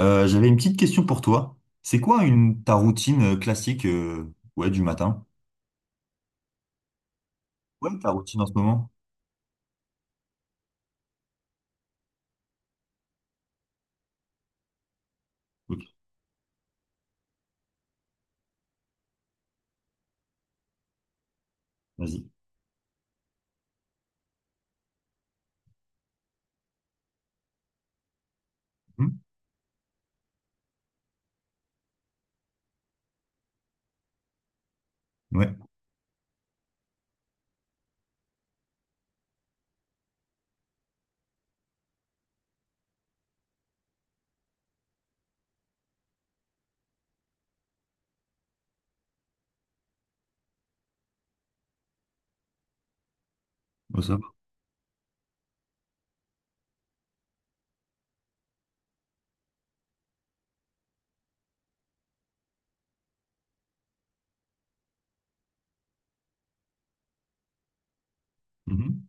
J'avais une petite question pour toi. C'est quoi une ta routine classique du matin? Ouais, ta routine en ce moment? Ok, vas-y. Hmm. Ouais, oh, ça va. Mhm.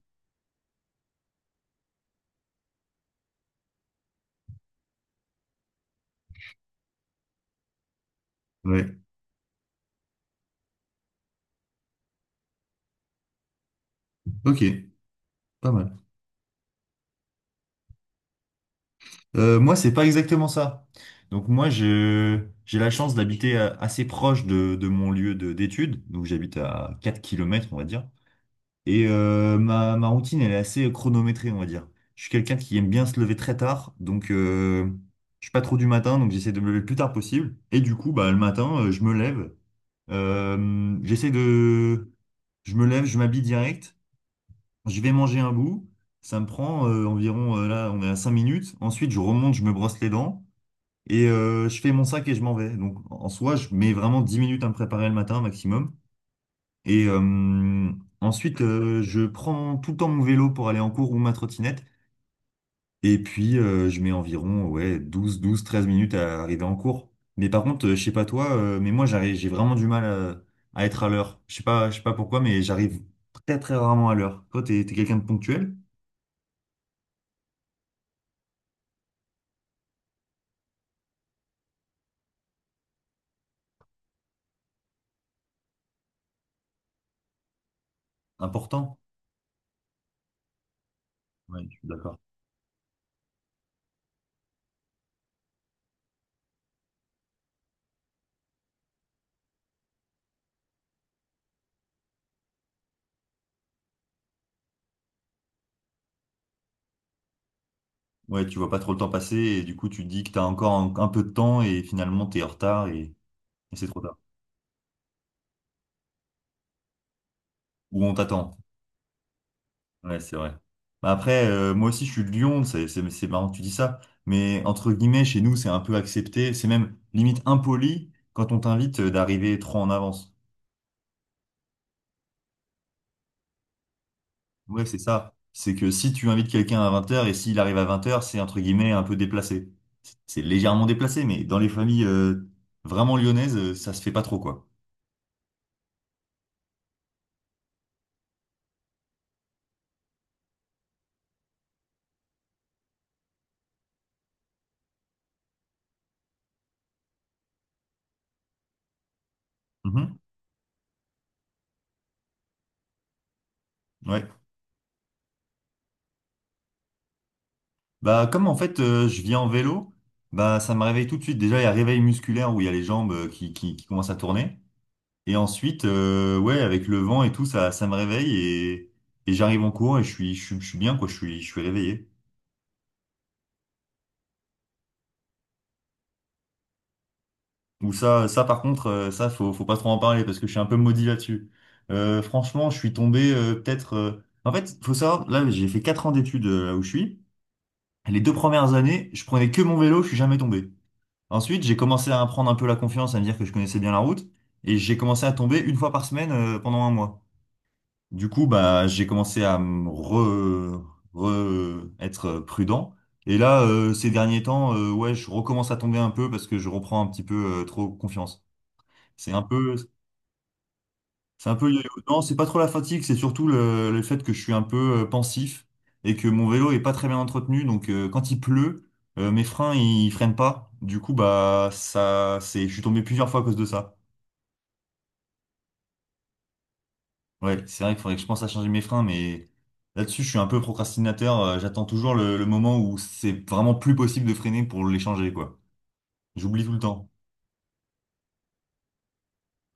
Ouais, ok, pas mal. Moi, c'est pas exactement ça. Donc moi, je j'ai la chance d'habiter assez proche de mon lieu de d'études. Donc j'habite à 4 kilomètres, on va dire. Et ma, ma routine, elle est assez chronométrée, on va dire. Je suis quelqu'un qui aime bien se lever très tard, donc je suis pas trop du matin, donc j'essaie de me lever le plus tard possible. Et du coup, bah, le matin, je me lève. J'essaie de... Je me lève, je m'habille direct, je vais manger un bout. Ça me prend environ, là, on est à 5 minutes. Ensuite, je remonte, je me brosse les dents et je fais mon sac et je m'en vais. Donc, en soi, je mets vraiment 10 minutes à me préparer le matin maximum. Et ensuite, je prends tout le temps mon vélo pour aller en cours ou ma trottinette. Et puis, je mets environ ouais, 12, 12, 13 minutes à arriver en cours. Mais par contre, je sais pas toi, mais moi, j'arrive, j'ai vraiment du mal à être à l'heure. Je sais pas pourquoi, mais j'arrive très, très rarement à l'heure. Toi, t'es quelqu'un de ponctuel? Important? Ouais, je suis d'accord. Ouais, tu vois pas trop le temps passer et du coup, tu te dis que t'as encore un peu de temps et finalement, t'es en retard et c'est trop tard. Ou on t'attend. Ouais, c'est vrai. Bah après, moi aussi, je suis de Lyon, c'est marrant que tu dis ça, mais entre guillemets, chez nous, c'est un peu accepté, c'est même limite impoli quand on t'invite d'arriver trop en avance. Ouais, c'est ça. C'est que si tu invites quelqu'un à 20 heures et s'il arrive à 20 heures, c'est entre guillemets un peu déplacé. C'est légèrement déplacé, mais dans les familles vraiment lyonnaises, ça se fait pas trop, quoi. Mhm. Ouais. Bah, comme en fait, je viens en vélo, bah, ça me réveille tout de suite. Déjà, il y a réveil musculaire où il y a les jambes qui commencent à tourner. Et ensuite, ouais, avec le vent et tout, ça me réveille et j'arrive en cours et je suis bien, quoi, je suis réveillé. Ou ça par contre, ça, faut pas trop en parler parce que je suis un peu maudit là-dessus. Franchement, je suis tombé peut-être. En fait, faut savoir, là, j'ai fait 4 ans d'études là où je suis. Les deux premières années, je prenais que mon vélo, je suis jamais tombé. Ensuite, j'ai commencé à prendre un peu la confiance, à me dire que je connaissais bien la route et j'ai commencé à tomber une fois par semaine pendant un mois. Du coup, bah, j'ai commencé à me être prudent. Et là, ces derniers temps, ouais, je recommence à tomber un peu parce que je reprends un petit peu trop confiance. C'est un peu, c'est un peu yo-yo. Non, c'est pas trop la fatigue, c'est surtout le fait que je suis un peu pensif et que mon vélo est pas très bien entretenu. Donc, quand il pleut, mes freins ils freinent pas. Du coup, bah, ça, c'est, je suis tombé plusieurs fois à cause de ça. Ouais, c'est vrai qu'il faudrait que je pense à changer mes freins, mais là-dessus, je suis un peu procrastinateur. J'attends toujours le moment où c'est vraiment plus possible de freiner pour les changer, quoi. J'oublie tout le temps.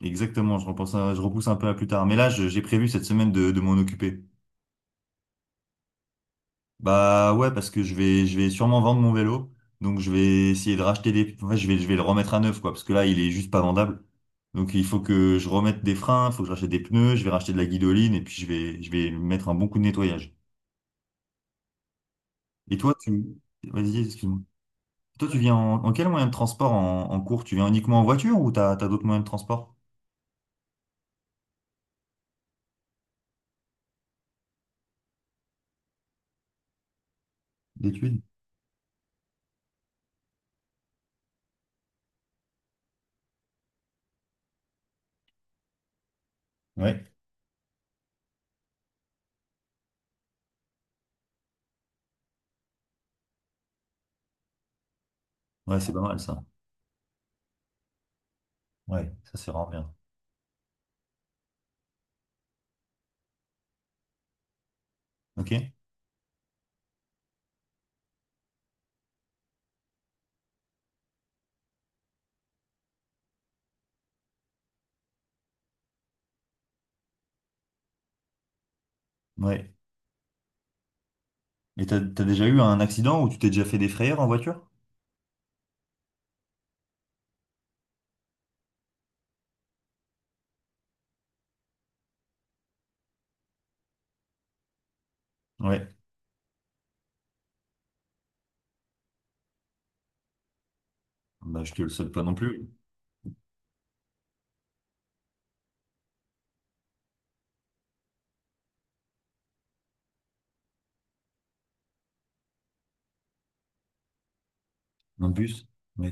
Exactement, je repousse un peu à plus tard. Mais là, j'ai prévu cette semaine de m'en occuper. Bah ouais, parce que je vais sûrement vendre mon vélo. Donc je vais essayer de racheter des... En fait, je vais le remettre à neuf, quoi, parce que là, il est juste pas vendable. Donc il faut que je remette des freins, il faut que je rachète des pneus, je vais racheter de la guidoline, et puis je vais mettre un bon coup de nettoyage. Et toi, tu... Vas-y, excuse-moi. Toi, tu viens en quel moyen de transport en cours? Tu viens uniquement en voiture ou t'as d'autres moyens de transport d'études? Ouais. Ouais, c'est pas mal ça. Ouais, ça c'est vraiment bien. Ok? Ouais. Et t'as déjà eu un accident où tu t'es déjà fait des frayeurs en voiture? Ouais. Bah, je te le souhaite pas non plus. Un bus? Ouais.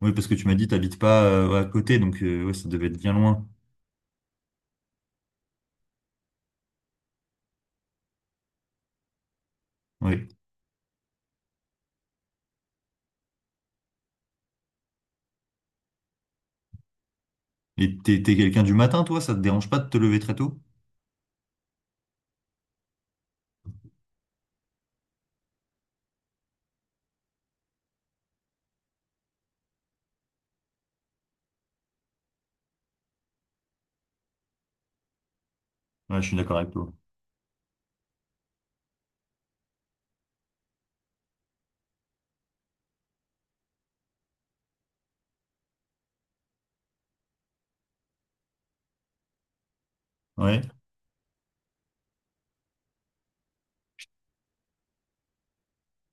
Oui, parce que tu m'as dit t'habites pas à côté, donc ouais, ça devait être bien loin. Ouais. Et t'es quelqu'un du matin, toi? Ça te dérange pas de te lever très tôt? Ouais, je suis d'accord avec toi. Ouais.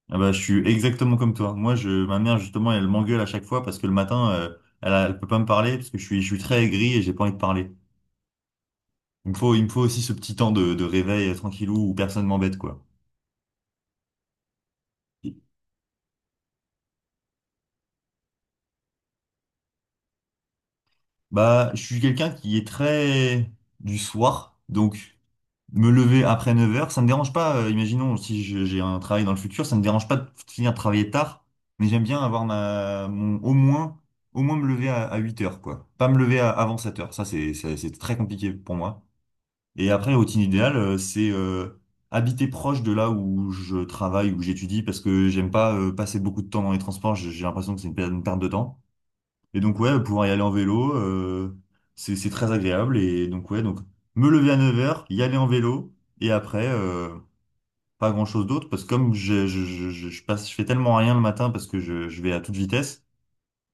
Ah bah, je suis exactement comme toi. Moi, je, ma mère, justement, elle m'engueule à chaque fois parce que le matin, elle, elle peut pas me parler parce que je suis très aigri et j'ai pas envie de parler. Il me faut aussi ce petit temps de réveil tranquillou où personne m'embête, quoi. Bah, je suis quelqu'un qui est très du soir, donc me lever après 9 heures, ça me dérange pas. Imaginons si j'ai un travail dans le futur, ça me dérange pas de finir de travailler tard, mais j'aime bien avoir ma, mon, au moins me lever à 8 heures, quoi. Pas me lever avant 7 heures. Ça, c'est très compliqué pour moi. Et après, la routine idéale, c'est habiter proche de là où je travaille, où j'étudie, parce que j'aime pas passer beaucoup de temps dans les transports. J'ai l'impression que c'est une perte de temps. Et donc, ouais, pouvoir y aller en vélo, c'est très agréable. Et donc, ouais, donc me lever à 9 heures, y aller en vélo, et après, pas grand-chose d'autre, parce que comme je passe, je fais tellement rien le matin parce que je vais à toute vitesse,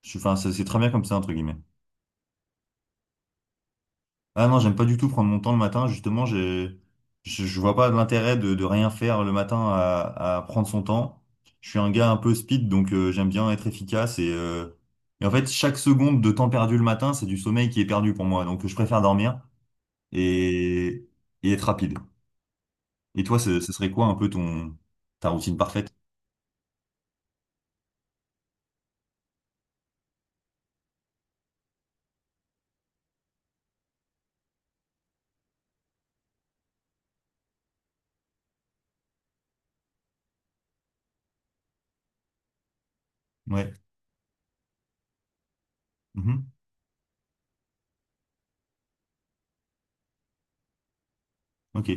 je, enfin, c'est très bien comme ça, entre guillemets. Ah non, j'aime pas du tout prendre mon temps le matin. Justement, je vois pas l'intérêt de rien faire le matin à prendre son temps. Je suis un gars un peu speed, donc j'aime bien être efficace. Et en fait, chaque seconde de temps perdu le matin, c'est du sommeil qui est perdu pour moi. Donc je préfère dormir et, et être rapide. Et toi, ce serait quoi un peu ton, ta routine parfaite? Ouais. Mhm. Ok.